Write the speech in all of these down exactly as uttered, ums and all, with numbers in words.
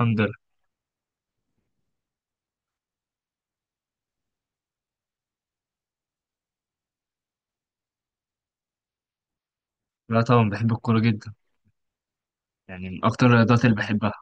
الحمد لله. لا طبعا بحب الكورة جدا، يعني من أكتر الرياضات اللي بحبها.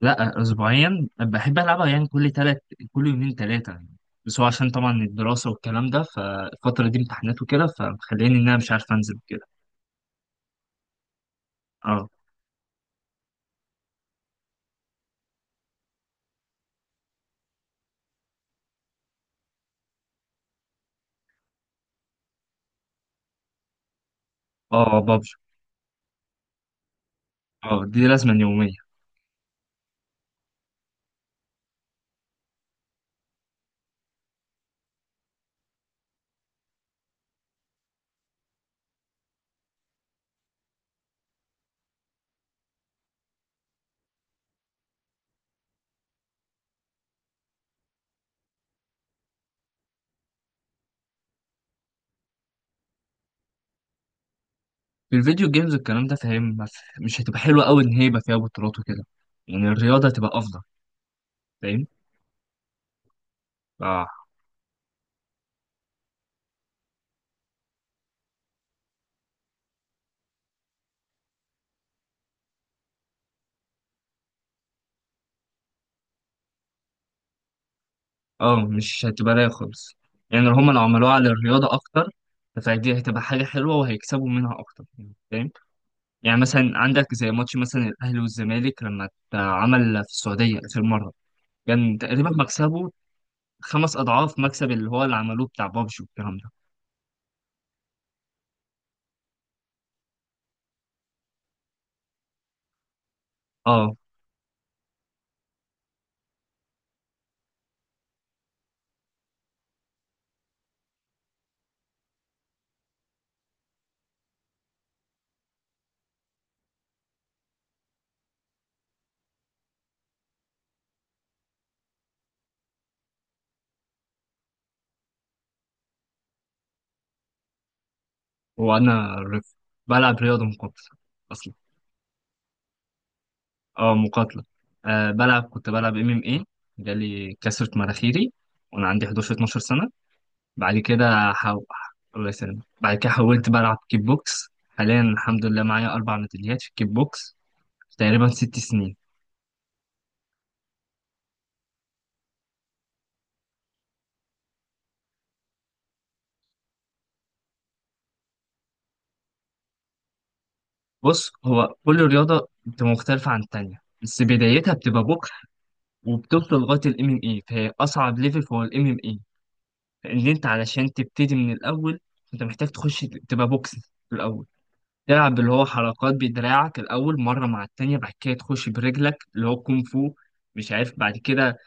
لا أسبوعيا بحب ألعبها، يعني كل تلات، كل يومين تلاتة يعني. بس هو عشان طبعا الدراسة والكلام ده، فالفترة دي امتحانات وكده فمخليني إن أنا مش عارف أنزل كده. اه، اه، بابجي. اه دي لازمة يومية. في الفيديو جيمز والكلام ده، فاهم، ما في- مش هتبقى حلوة أوي إن هي يبقى فيها بطولات وكده، يعني الرياضة هتبقى أفضل، فاهم. آه. اه مش هتبقى رايقة خالص، يعني لو هما لو عملوها على الرياضة أكتر فدي هتبقى حاجة حلوة وهيكسبوا منها أكتر، يعني فاهم. يعني مثلا عندك زي ماتش مثلا الأهلي والزمالك لما اتعمل في السعودية آخر مرة، كان تقريبا مكسبه خمس أضعاف مكسب اللي هو اللي عملوه بتاع بابجي والكلام ده. اه. وأنا رف- بلعب رياضة مقاتلة أصلا. اه مقاتلة. آه بلعب، كنت بلعب ام ام ايه. جالي كسرة مناخيري وأنا عندي احدعش اتناشر سنة. بعد كده حو... الله يسلمك. بعد كده حولت بقى ألعب كيك بوكس. حاليا الحمد لله معايا أربع ميداليات في الكيك بوكس في تقريبا ست سنين. بص هو كل رياضة بتبقى مختلفة عن التانية، بس بدايتها بتبقى بوكس، وبتوصل لغاية ال إم إم إيه، فهي أصعب ليفل هو ال إم إم إيه. لأن أنت علشان تبتدي من الأول، أنت محتاج تخش تبقى بوكس في الأول، تلعب اللي هو حركات بدراعك الأول مرة مع التانية، بعد كده تخش برجلك اللي هو كونغ فو. مش عارف بعد كده،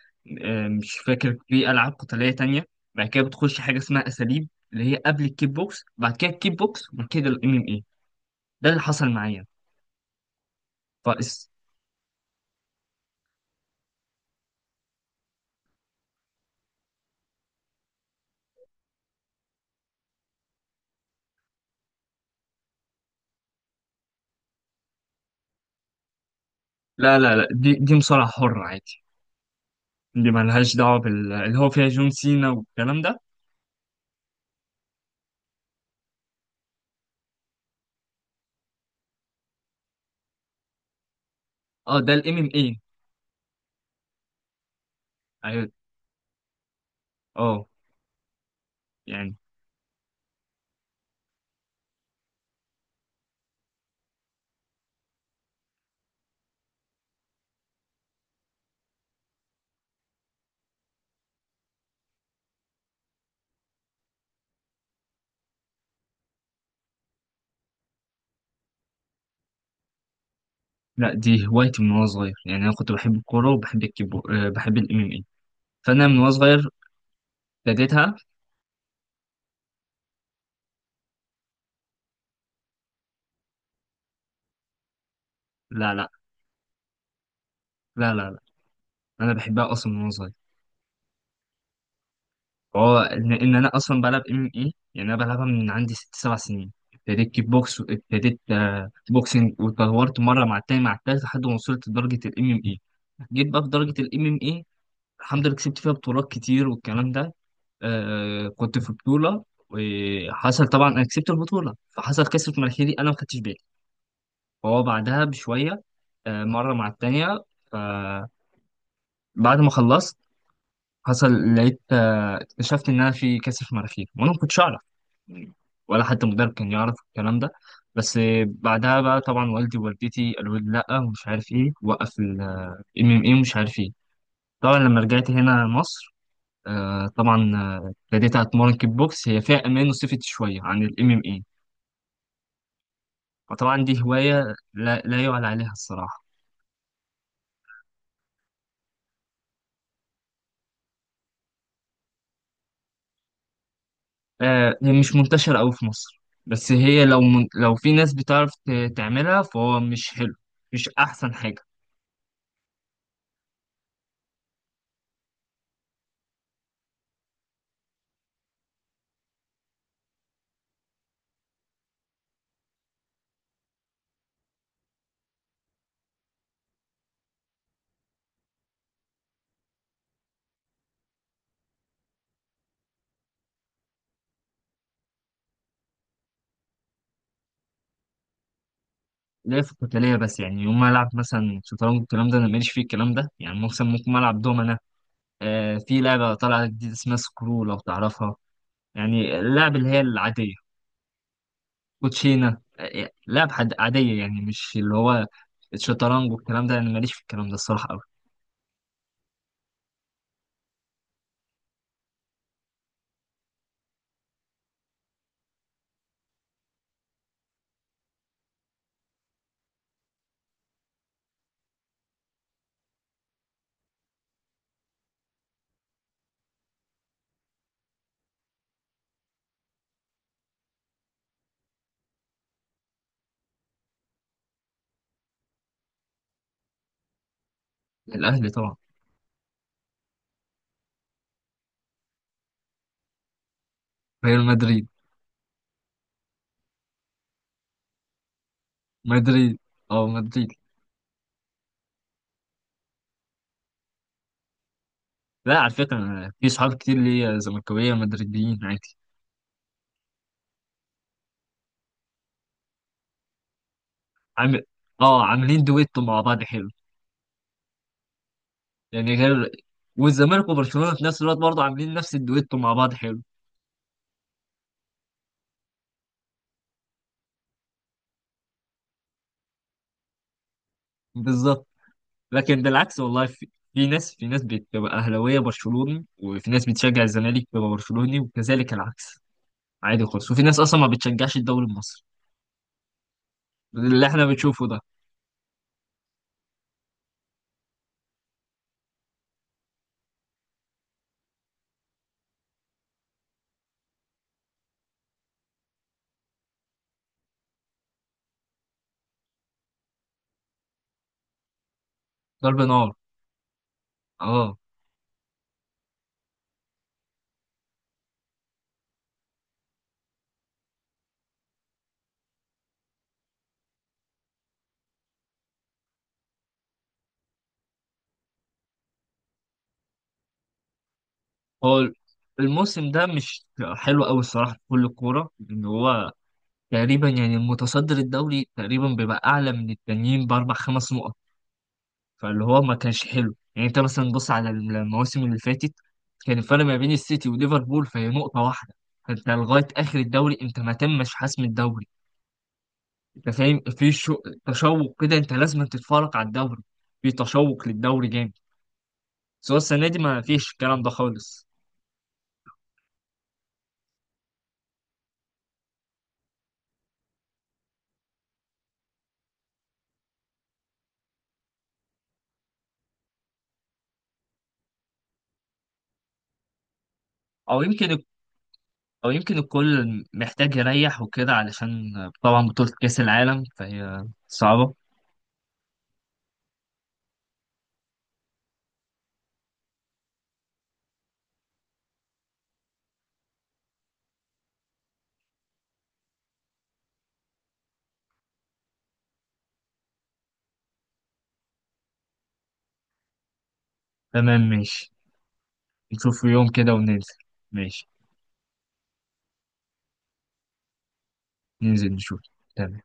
آه، مش فاكر في ألعاب قتالية تانية. بعد كده بتخش حاجة اسمها أساليب اللي هي قبل الكيك بوكس، بعد كده الكيك بوكس، وبعد كده الام ام اي. ده اللي حصل معايا. فاس. لا لا لا، دي دي مصارعة حرة عادي. دي مالهاش دعوة بال اللي هو فيها جون سينا والكلام ده. اه ده الام ام اي. ايوه. اه يعني. لا دي هوايتي من وانا صغير، يعني انا كنت بحب الكورة وبحب الكيك بوكس، بحب الام ام اي. فانا من وانا صغير ابتديتها. لا لا لا، لا لا، انا بحبها اصلا من وانا صغير. هو ان, إن انا اصلا بلعب ام اي، يعني انا بلعبها من عندي ست سبع سنين. ابتديت كيك بوكس وابتديت آه، بوكسنج، واتطورت مره مع التاني مع التالت لحد ما وصلت لدرجه الام ام اي. جيت بقى في درجه الام ام اي، الحمد لله كسبت فيها بطولات كتير والكلام ده. آه كنت في بطوله، وحصل طبعا انا كسبت البطوله، فحصل كسر في مناخيري انا ما خدتش بالي. فهو بعدها بشويه، آه مره مع التانيه، ف بعد ما خلصت حصل، لقيت، آه، اكتشفت ان انا في كاسف مناخير وانا ما كنتش اعرف يعني، ولا حتى المدرب كان يعرف الكلام ده. بس آه، بعدها بقى طبعا والدي ووالدتي قالوا لي لا ومش عارف ايه، وقف الام ام اي ومش عارف ايه. طبعا لما رجعت هنا مصر، آه، طبعا آه، ابتديت اتمرن كيك بوكس، هي فيها امان وسيفتي شويه عن الام ام اي. وطبعا دي هوايه لا, لا يعلى عليها الصراحه. آه، هي مش منتشره قوي في مصر. بس هي لو من... لو في ناس بتعرف ت- تعملها فهو مش حلو، مش احسن حاجه. ليا في القتالية بس، يعني يوم ما ألعب مثلا شطرنج والكلام ده أنا ماليش فيه، الكلام ده يعني مثلا ممكن ألعب دومنا. آه في لعبة طالعة جديدة اسمها سكرو لو تعرفها، يعني اللعب اللي هي العادية، كوتشينة، آه لعب حد عادية، يعني مش اللي هو الشطرنج والكلام ده أنا ماليش في الكلام ده الصراحة أوي. الأهلي طبعا. ريال مدريد. مدريد. أه مدريد. لا على فكرة أنا في صحاب كتير ليا زملكاوية مدريديين عادي. عامل، أه عاملين دويتو مع بعض حلو. يعني غير، والزمالك وبرشلونه في نفس الوقت برضه عاملين نفس الدويتو مع بعض حلو. بالظبط. لكن بالعكس والله، في, في ناس، في ناس بتبقى اهلاويه برشلوني، وفي ناس بتشجع الزمالك بتبقى برشلوني، وكذلك العكس. عادي خالص، وفي ناس اصلا ما بتشجعش الدوري المصري اللي احنا بنشوفه ده. ضرب نار. اه. هو الموسم ده مش حلو قوي الصراحه في كل الكوره، ان هو تقريبا يعني المتصدر الدوري تقريبا بيبقى اعلى من التانيين باربع خمس نقط. فاللي هو ما كانش حلو، يعني انت مثلا بص على المواسم اللي فاتت، كان الفرق ما بين السيتي وليفربول فهي نقطة واحدة. فانت لغاية آخر الدوري انت ما تمش حسم الدوري. انت فاهم في شو... تشوق كده، انت لازم تتفرج على الدوري، في تشوق للدوري جامد. بس هو السنة دي ما فيش الكلام ده خالص. او يمكن او يمكن الكل محتاج يريح وكده، علشان طبعا بطولة كأس العالم فهي صعبة. تمام ماشي. نشوف يوم كده وننزل. ماشي. ننزل نشوف. تمام.